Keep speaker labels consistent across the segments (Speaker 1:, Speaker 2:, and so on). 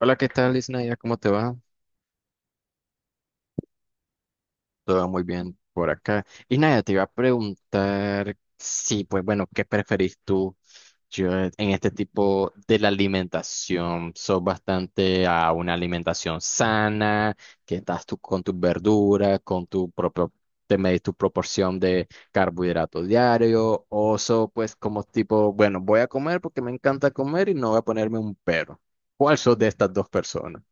Speaker 1: Hola, ¿qué tal, Isnaya? ¿Cómo te va? Todo muy bien por acá. Y Isnaya, te iba a preguntar si, pues bueno, ¿qué preferís tú? Yo, en este tipo de la alimentación, ¿sos bastante a una alimentación sana? Que estás tú con tus verduras, con tu propio, te medís tu proporción de carbohidrato diario. ¿O sos pues como tipo, bueno, voy a comer porque me encanta comer y no voy a ponerme un pero? ¿Cuál sos de estas dos personas?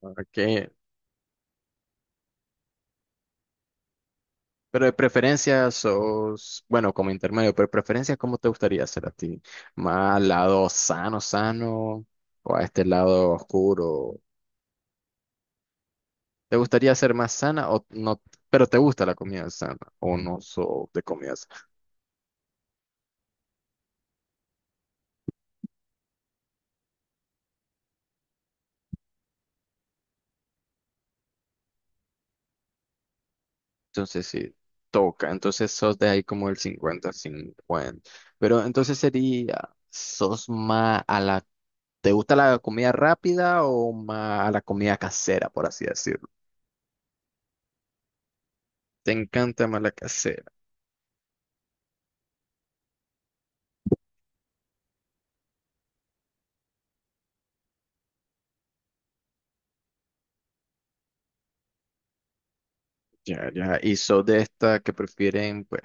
Speaker 1: Ok. Pero de preferencia sos, bueno, como intermedio, pero de preferencia, ¿cómo te gustaría ser a ti? ¿Más al lado sano, sano? ¿O a este lado oscuro? ¿Te gustaría ser más sana o no? Pero ¿te gusta la comida sana o no sos de comida sana? Entonces sí, toca. Entonces sos de ahí como el 50-50. Pero entonces sería, ¿sos más a la... ¿te gusta la comida rápida o más a la comida casera, por así decirlo? ¿Te encanta más la casera? Ya, ya. Y sos de esta que prefieren pues,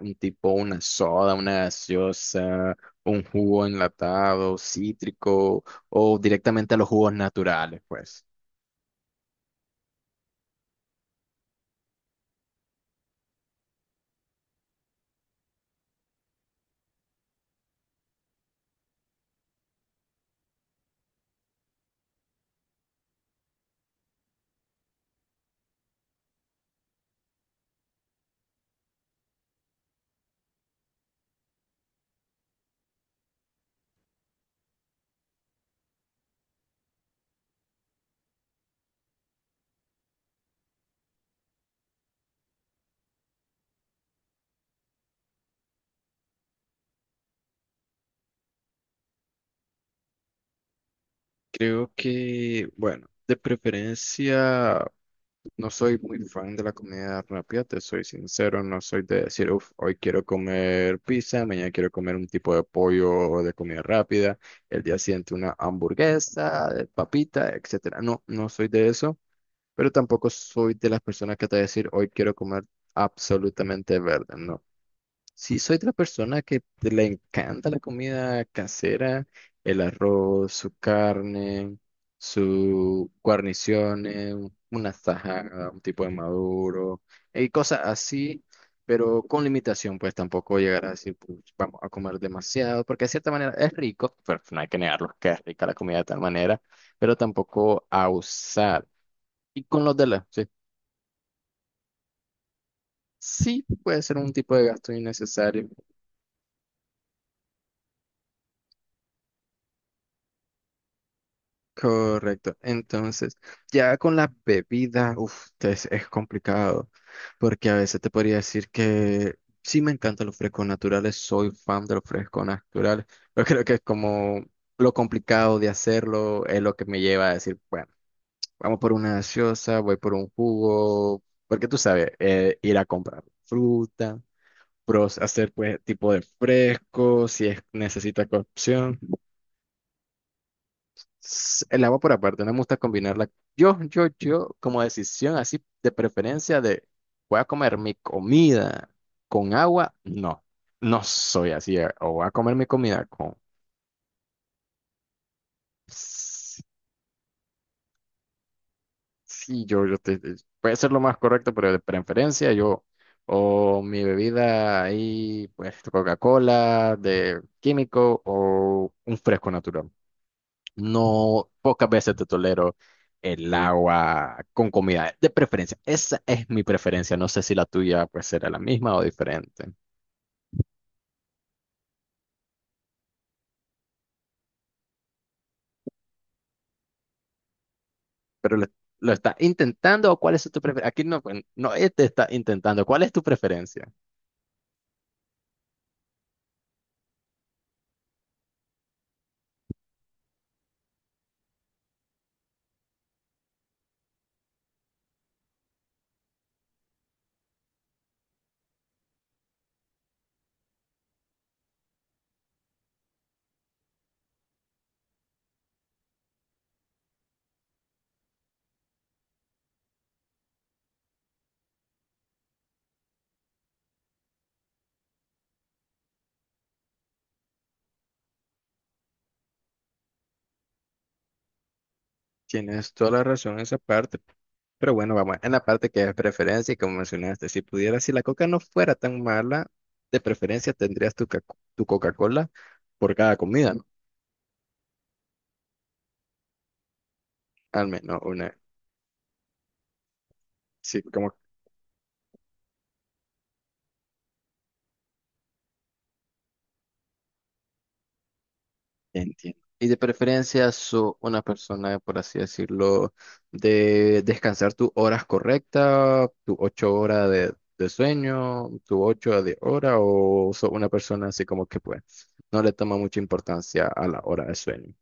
Speaker 1: un tipo, una soda, una gaseosa, un jugo enlatado, cítrico, o directamente a los jugos naturales, pues. Creo que, bueno, de preferencia no soy muy fan de la comida rápida, te soy sincero, no soy de decir, uff, hoy quiero comer pizza, mañana quiero comer un tipo de pollo o de comida rápida, el día siguiente una hamburguesa, de papita, etcétera. No, no soy de eso. Pero tampoco soy de las personas que te va a decir, hoy quiero comer absolutamente verde, no. Sí soy de la persona que le encanta la comida casera, el arroz, su carne, su guarniciones, una tajada, un tipo de maduro, y cosas así, pero con limitación, pues tampoco llegar a decir, "Puch, vamos a comer demasiado", porque de cierta manera es rico, pero no hay que negarlo, que es rica la comida de tal manera, pero tampoco a usar. Y con los de la, sí. Sí, puede ser un tipo de gasto innecesario. Correcto. Entonces, ya con la bebida, uff, es complicado, porque a veces te podría decir que sí me encantan los frescos naturales, soy fan de los frescos naturales, pero creo que es como lo complicado de hacerlo es lo que me lleva a decir, bueno, vamos por una gaseosa, voy por un jugo, porque tú sabes, ir a comprar fruta, pros, hacer pues tipo de fresco, si es, necesita cocción. El agua por aparte, no me gusta combinarla. Yo, como decisión así de preferencia de voy a comer mi comida con agua, no, no soy así. O voy a comer mi comida con... s- Sí, yo puede ser lo más correcto, pero de preferencia yo, o mi bebida ahí, pues Coca-Cola de químico o un fresco natural. No, pocas veces te tolero el agua con comida, de preferencia. Esa es mi preferencia. No sé si la tuya pues será la misma o diferente, pero lo estás intentando o cuál es tu preferencia. Aquí no, pues, no, este está intentando. ¿Cuál es tu preferencia? Tienes toda la razón en esa parte. Pero bueno, vamos, en la parte que es preferencia, y como mencionaste, si pudieras, si la coca no fuera tan mala, de preferencia tendrías tu, tu Coca-Cola por cada comida, ¿no? Al menos una. Sí, como... Entiendo. Y de preferencia, sos una persona, por así decirlo, de descansar tus horas correctas, tus 8 horas de sueño, tus ocho de hora, o sos una persona así como que pues no le toma mucha importancia a la hora de sueño.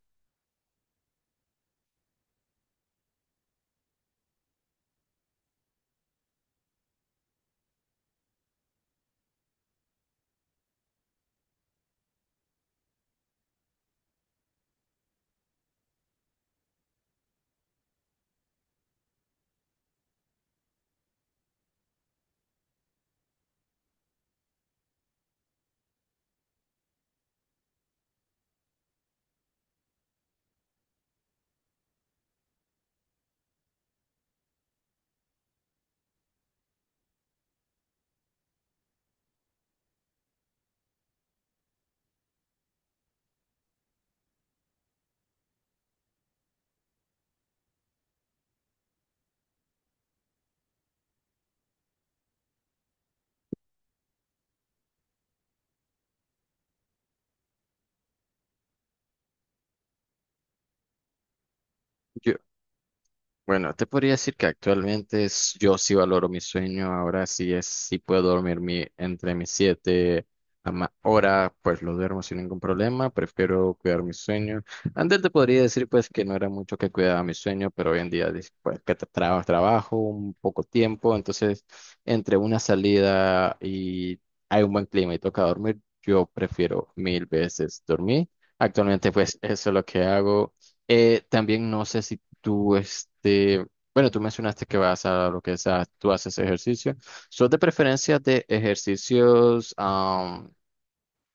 Speaker 1: Bueno, te podría decir que actualmente yo sí valoro mi sueño, ahora sí es, sí puedo dormir entre mis 7 a horas, pues lo duermo sin ningún problema, prefiero cuidar mi sueño. Antes te podría decir pues que no era mucho que cuidaba mi sueño, pero hoy en día dis- pues que trabajo un poco tiempo, entonces entre una salida y hay un buen clima y toca dormir, yo prefiero mil veces dormir. Actualmente pues eso es lo que hago. También no sé si tú, este, bueno, tú mencionaste que vas a lo que es tú haces ejercicio. ¿Sos de preferencia de ejercicios am,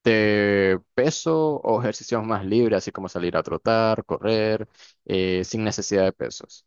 Speaker 1: de peso, o ejercicios más libres, así como salir a trotar, correr, sin necesidad de pesos?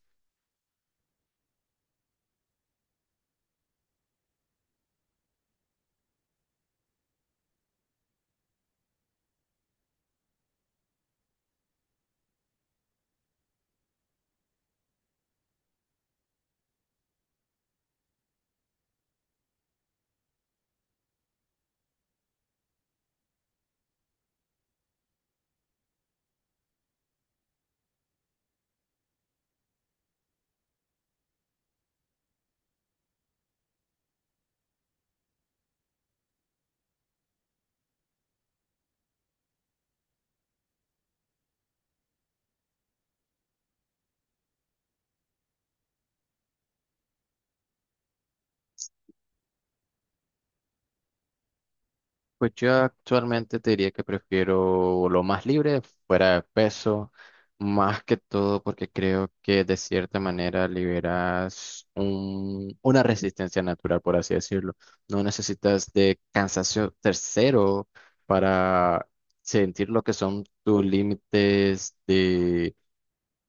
Speaker 1: Pues yo actualmente te diría que prefiero lo más libre, fuera de peso, más que todo porque creo que de cierta manera liberas una resistencia natural, por así decirlo. No necesitas de cansancio tercero para sentir lo que son tus límites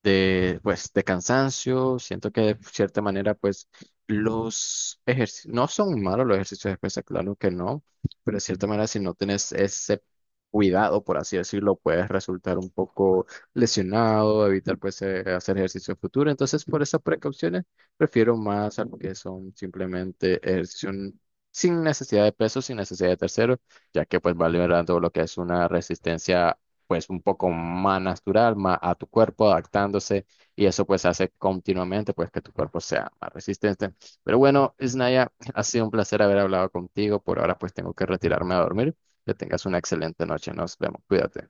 Speaker 1: de, pues, de cansancio. Siento que de cierta manera, pues, los ejercicios, no son malos los ejercicios de pesas, claro que no, pero de cierta manera, si no tienes ese cuidado, por así decirlo, puedes resultar un poco lesionado, evitar, pues, hacer ejercicio en futuro. Entonces, por esas precauciones, prefiero más a lo que son simplemente ejercicios sin necesidad de peso, sin necesidad de terceros, ya que pues va liberando lo que es una resistencia pues un poco más natural, más a tu cuerpo, adaptándose, y eso pues hace continuamente pues que tu cuerpo sea más resistente. Pero bueno, Isnaya, ha sido un placer haber hablado contigo. Por ahora pues tengo que retirarme a dormir. Que tengas una excelente noche. Nos vemos. Cuídate.